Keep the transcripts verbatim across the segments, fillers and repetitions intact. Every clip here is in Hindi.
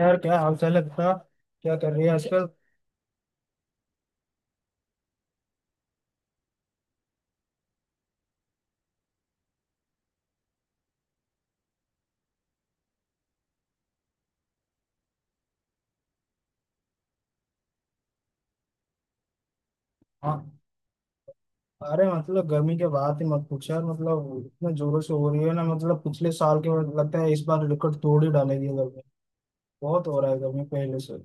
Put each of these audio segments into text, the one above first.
यार क्या हाल चाल है बता। क्या कर रही है आजकल। हाँ। अरे मतलब गर्मी के बाद ही मत पूछ यार। मतलब इतने जोरों से हो रही है ना। मतलब पिछले साल के बाद लगता है इस बार रिकॉर्ड तोड़ ही डालेगी गर्मी। बहुत हो रहा है गर्मी पहले से।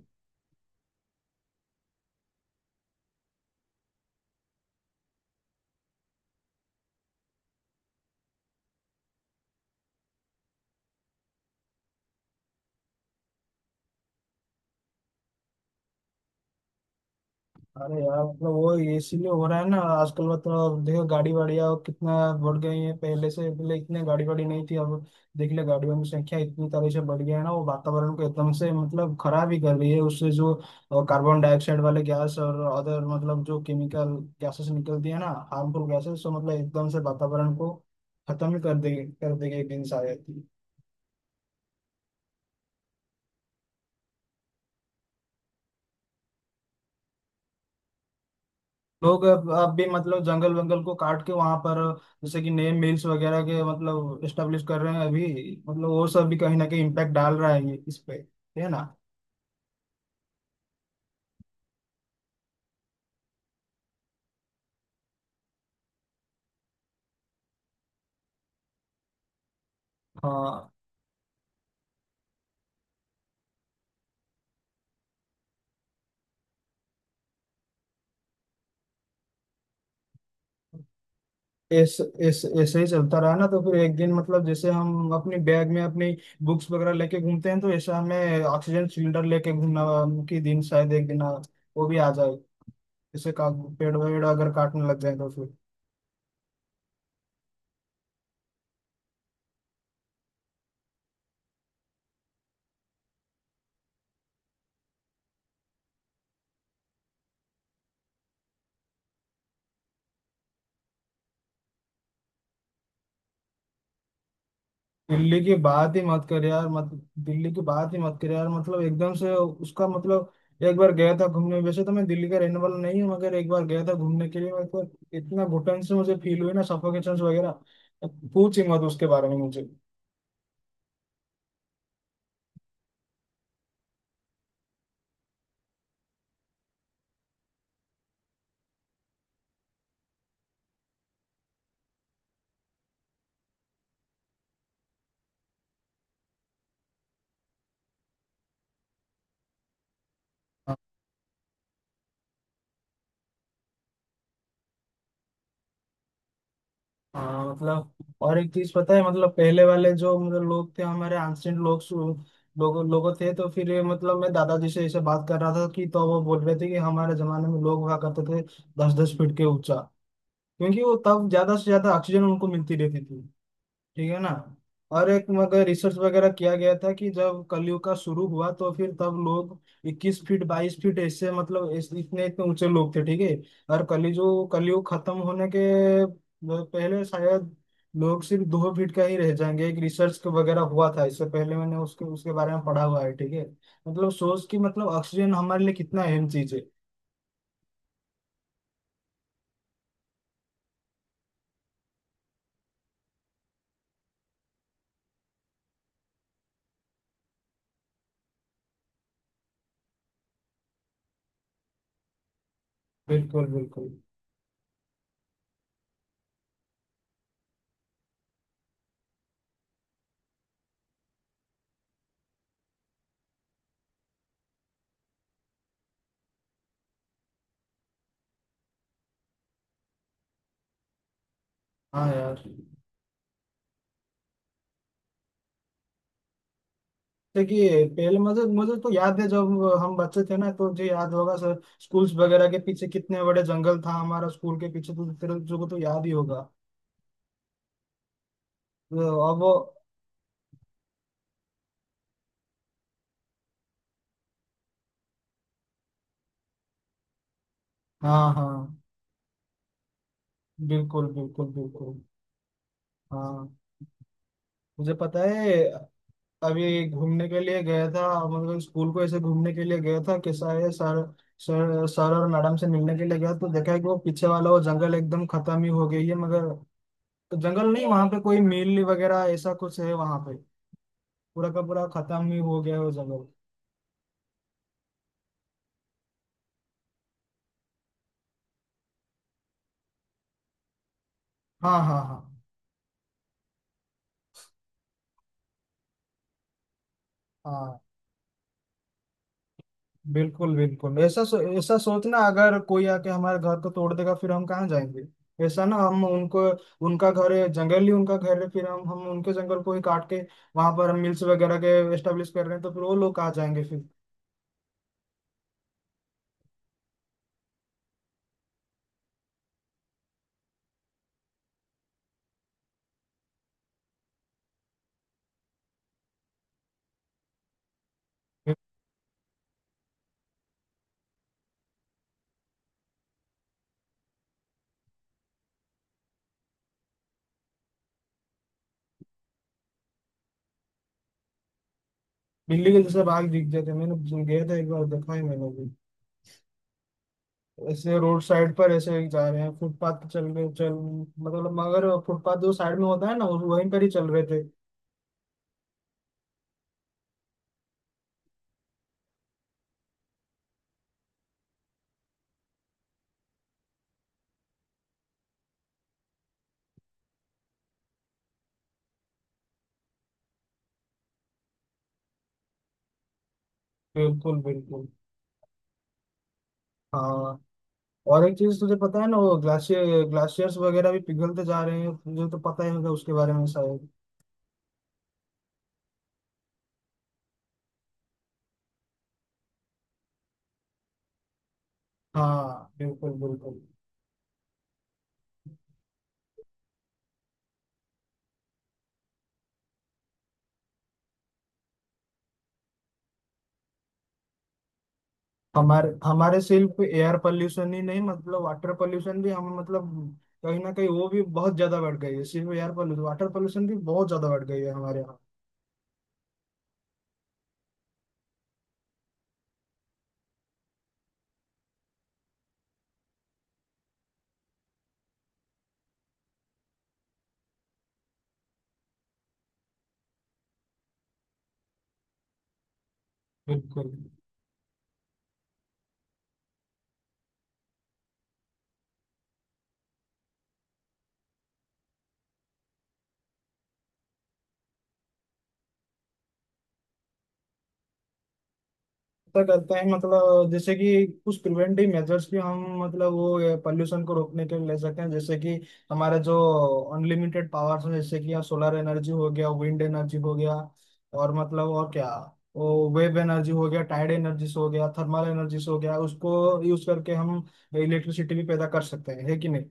अरे यार मतलब वो इसीलिए हो रहा है ना आजकल। मतलब देखो गाड़ी वाड़ियाँ कितना बढ़ गई है पहले से। पहले इतने गाड़ी वाड़ी नहीं थी अब। देख ले गाड़ियों की संख्या इतनी तरह से बढ़ गया है ना। वो वातावरण को एकदम से मतलब खराब ही कर रही है। उससे जो अ, कार्बन डाइऑक्साइड वाले गैस और अदर मतलब जो केमिकल गैसेस निकलती है ना। हार्मफुल गैसेस तो मतलब एकदम से वातावरण को खत्म ही कर देगी कर देगी एक दिन शायद। लोग अब अब भी मतलब जंगल वंगल को काट के वहां पर जैसे कि नए मिल्स वगैरह के मतलब स्टेब्लिश कर रहे हैं अभी। मतलब वो सब भी कहीं ना कहीं इम्पैक्ट डाल रहा है ये इस पे। है ना। हाँ। ऐस, ऐस, ऐसे ही चलता रहा ना तो फिर एक दिन मतलब जैसे हम अपनी बैग में अपनी बुक्स वगैरह लेके घूमते हैं तो ऐसा हमें ऑक्सीजन सिलेंडर लेके घूमना कि दिन शायद एक दिन आ- वो भी आ जाए। जैसे का पेड़ वेड़ अगर काटने लग जाए तो फिर। दिल्ली की बात ही मत कर यार मत दिल्ली की बात ही मत कर यार। मतलब एकदम से उसका मतलब एक बार गया था घूमने। वैसे तो मैं दिल्ली का रहने वाला नहीं हूँ मगर एक बार गया था घूमने के लिए। मतलब इतना घुटन से मुझे फील हुई ना सफोकेशन वगैरह तो पूछ ही मत उसके बारे में मुझे। हाँ मतलब। और एक चीज पता है मतलब पहले वाले जो मतलब लोग थे हमारे एंशियंट लोग। लोगों लोगों थे तो फिर ये मतलब मैं दादाजी से ऐसे बात कर रहा था कि तो वो बोल रहे थे कि हमारे जमाने में लोग हुआ करते थे दस दस फीट के ऊंचा। क्योंकि वो तब ज्यादा से ज्यादा ऑक्सीजन उनको मिलती रहती थी। ठीक है ना। और एक मगर रिसर्च वगैरह किया गया था कि जब कलयुग का शुरू हुआ तो फिर तब लोग 21 फीट 22 फीट ऐसे मतलब ऐसे- इतने इतने ऊंचे लोग थे। ठीक है। और कली जो कलयुग खत्म होने के पहले शायद लोग सिर्फ दो फीट का ही रह जाएंगे। एक रिसर्च के वगैरह हुआ था इससे पहले मैंने उसके उसके बारे में पढ़ा हुआ है। ठीक है। मतलब सोच कि मतलब ऑक्सीजन हमारे लिए कितना अहम चीज है। बिल्कुल बिल्कुल। हाँ यार। देखिए पहले मुझे मुझे तो याद है जब हम बच्चे थे ना तो मुझे याद होगा सर स्कूल्स वगैरह के पीछे कितने बड़े जंगल था हमारा स्कूल के पीछे। तो तेरे को तो याद ही होगा। तो अब वो। हाँ हाँ बिल्कुल बिल्कुल बिल्कुल। हाँ। मुझे पता है। अभी घूमने के लिए गया था। मतलब स्कूल को ऐसे घूमने के लिए गया था। कैसा है सर सर सर और मैडम से मिलने के लिए गया तो देखा है कि वो पीछे वाला वो जंगल एकदम खत्म ही हो गई है मगर। तो जंगल नहीं वहां पे कोई मिल वगैरह ऐसा कुछ है वहां पे। पूरा का पूरा खत्म ही हो गया है वो जंगल। हाँ हाँ हाँ हाँ। बिल्कुल बिल्कुल। ऐसा सो, ऐसा सोचना अगर कोई आके हमारे घर को तोड़ देगा फिर हम कहाँ जाएंगे। ऐसा ना हम उनको। उनका घर है जंगल ही उनका घर है फिर हम हम उनके जंगल को ही काट के वहां पर हम मिल्स वगैरह के एस्टेब्लिश कर रहे हैं तो फिर वो लोग कहाँ जाएंगे फिर। बिल्ली के जैसे भाग दिख जाते हैं। मैंने गया था एक बार देखा है मैंने भी। ऐसे रोड साइड पर ऐसे ही जा रहे हैं फुटपाथ पे चल रहे चल। मतलब मगर फुटपाथ जो साइड में होता है ना वो- वहीं पर ही चल रहे थे। बिल्कुल बिल्कुल। हाँ और एक चीज तुझे पता है ना वो ग्लाशियर ग्लाशियर्स वगैरह भी पिघलते जा रहे हैं। तुझे तो पता ही होगा उसके बारे में शायद। हाँ बिल्कुल बिल्कुल। हमारे हमारे सिर्फ एयर पोल्यूशन ही नहीं मतलब वाटर पोल्यूशन भी हम मतलब कहीं ना कहीं वो भी बहुत ज्यादा बढ़ गई है। सिर्फ एयर पोल्यूशन वाटर पोल्यूशन भी बहुत ज्यादा बढ़ गई है हमारे यहाँ। बिल्कुल। ऐसा करते हैं मतलब जैसे कि कुछ प्रिवेंटिव मेजर्स भी हम मतलब वो पॉल्यूशन को रोकने के लिए ले सकते हैं जैसे कि हमारा जो अनलिमिटेड पावर्स है जैसे कि सोलर एनर्जी हो गया विंड एनर्जी हो गया। और मतलब और क्या। वो वेव एनर्जी हो गया टाइड एनर्जी हो गया थर्मल एनर्जी हो गया उसको यूज करके हम इलेक्ट्रिसिटी भी पैदा कर सकते हैं है कि नहीं।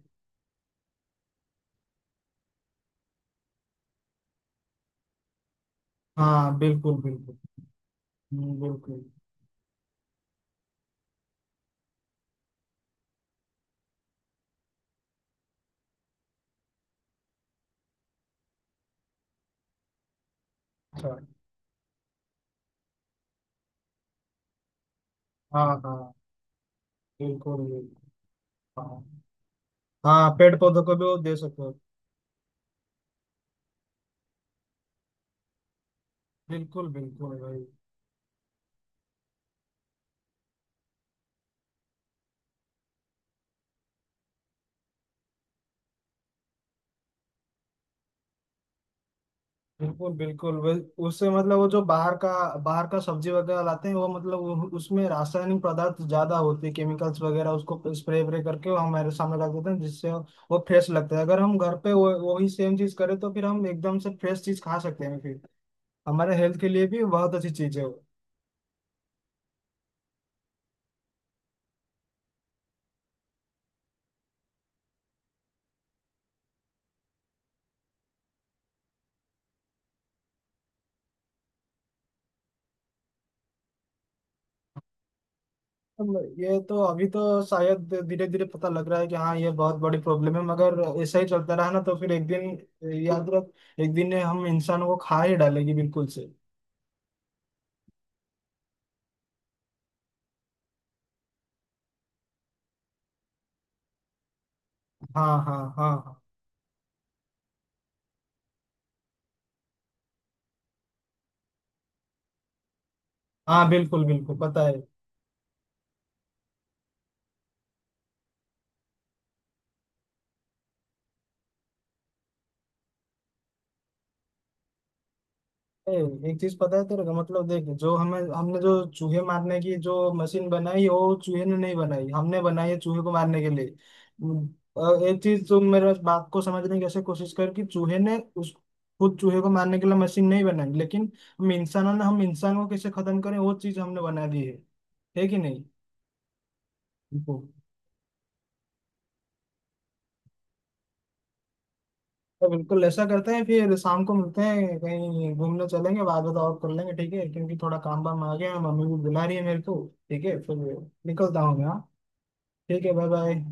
हाँ बिल्कुल बिल्कुल। हम्म, बिल्कुल। अच्छा। हाँ हाँ। बिल्कुल बिल्कुल। हाँ। हाँ पेड़ पौधों को भी वो दे सकते हो। बिल्कुल बिल्कुल भाई। बिल्कुल बिल्कुल वे- उससे मतलब वो जो बाहर का बाहर का सब्जी वगैरह लाते हैं वो मतलब उ- उसमें रासायनिक पदार्थ ज्यादा होते हैं। केमिकल्स वगैरह उसको स्प्रे व्रे करके वो हमारे सामने रख देते हैं जिससे वो फ्रेश लगता है। अगर हम घर पे वो वही सेम चीज करें तो फिर हम एकदम से फ्रेश चीज खा सकते हैं फिर। हमारे हेल्थ के लिए भी बहुत अच्छी चीज है वो। मतलब ये तो अभी तो शायद धीरे धीरे पता लग रहा है कि हाँ ये बहुत बड़ी प्रॉब्लम है मगर ऐसा ही चलता रहा ना तो फिर एक दिन याद रख एक दिन हम इंसानों को खा ही डालेगी बिल्कुल से। हाँ हाँ हाँ हाँ हाँ बिल्कुल बिल्कुल पता है। ए, एक चीज पता है तेरे को मतलब देख जो हमें हमने जो चूहे मारने की जो मशीन बनाई वो चूहे ने नहीं बनाई हमने बनाई है चूहे को मारने के लिए। उम, और एक चीज तुम मेरे बात को समझने की ऐसे कोशिश कर कि चूहे ने उस खुद चूहे को मारने के लिए मशीन नहीं बनाई लेकिन हम इंसानों ने हम इंसान को कैसे खत्म करें वो चीज हमने बना दी है। है कि नहीं। बिल्कुल। तो बिल्कुल ऐसा करते हैं फिर शाम को मिलते हैं कहीं घूमने चलेंगे बाद में तो और कर लेंगे। ठीक है क्योंकि थोड़ा काम वाम आ गया है मम्मी भी बुला रही है मेरे को। ठीक है फिर। निकलता हूँ मैं हाँ? ठीक है बाय बाय।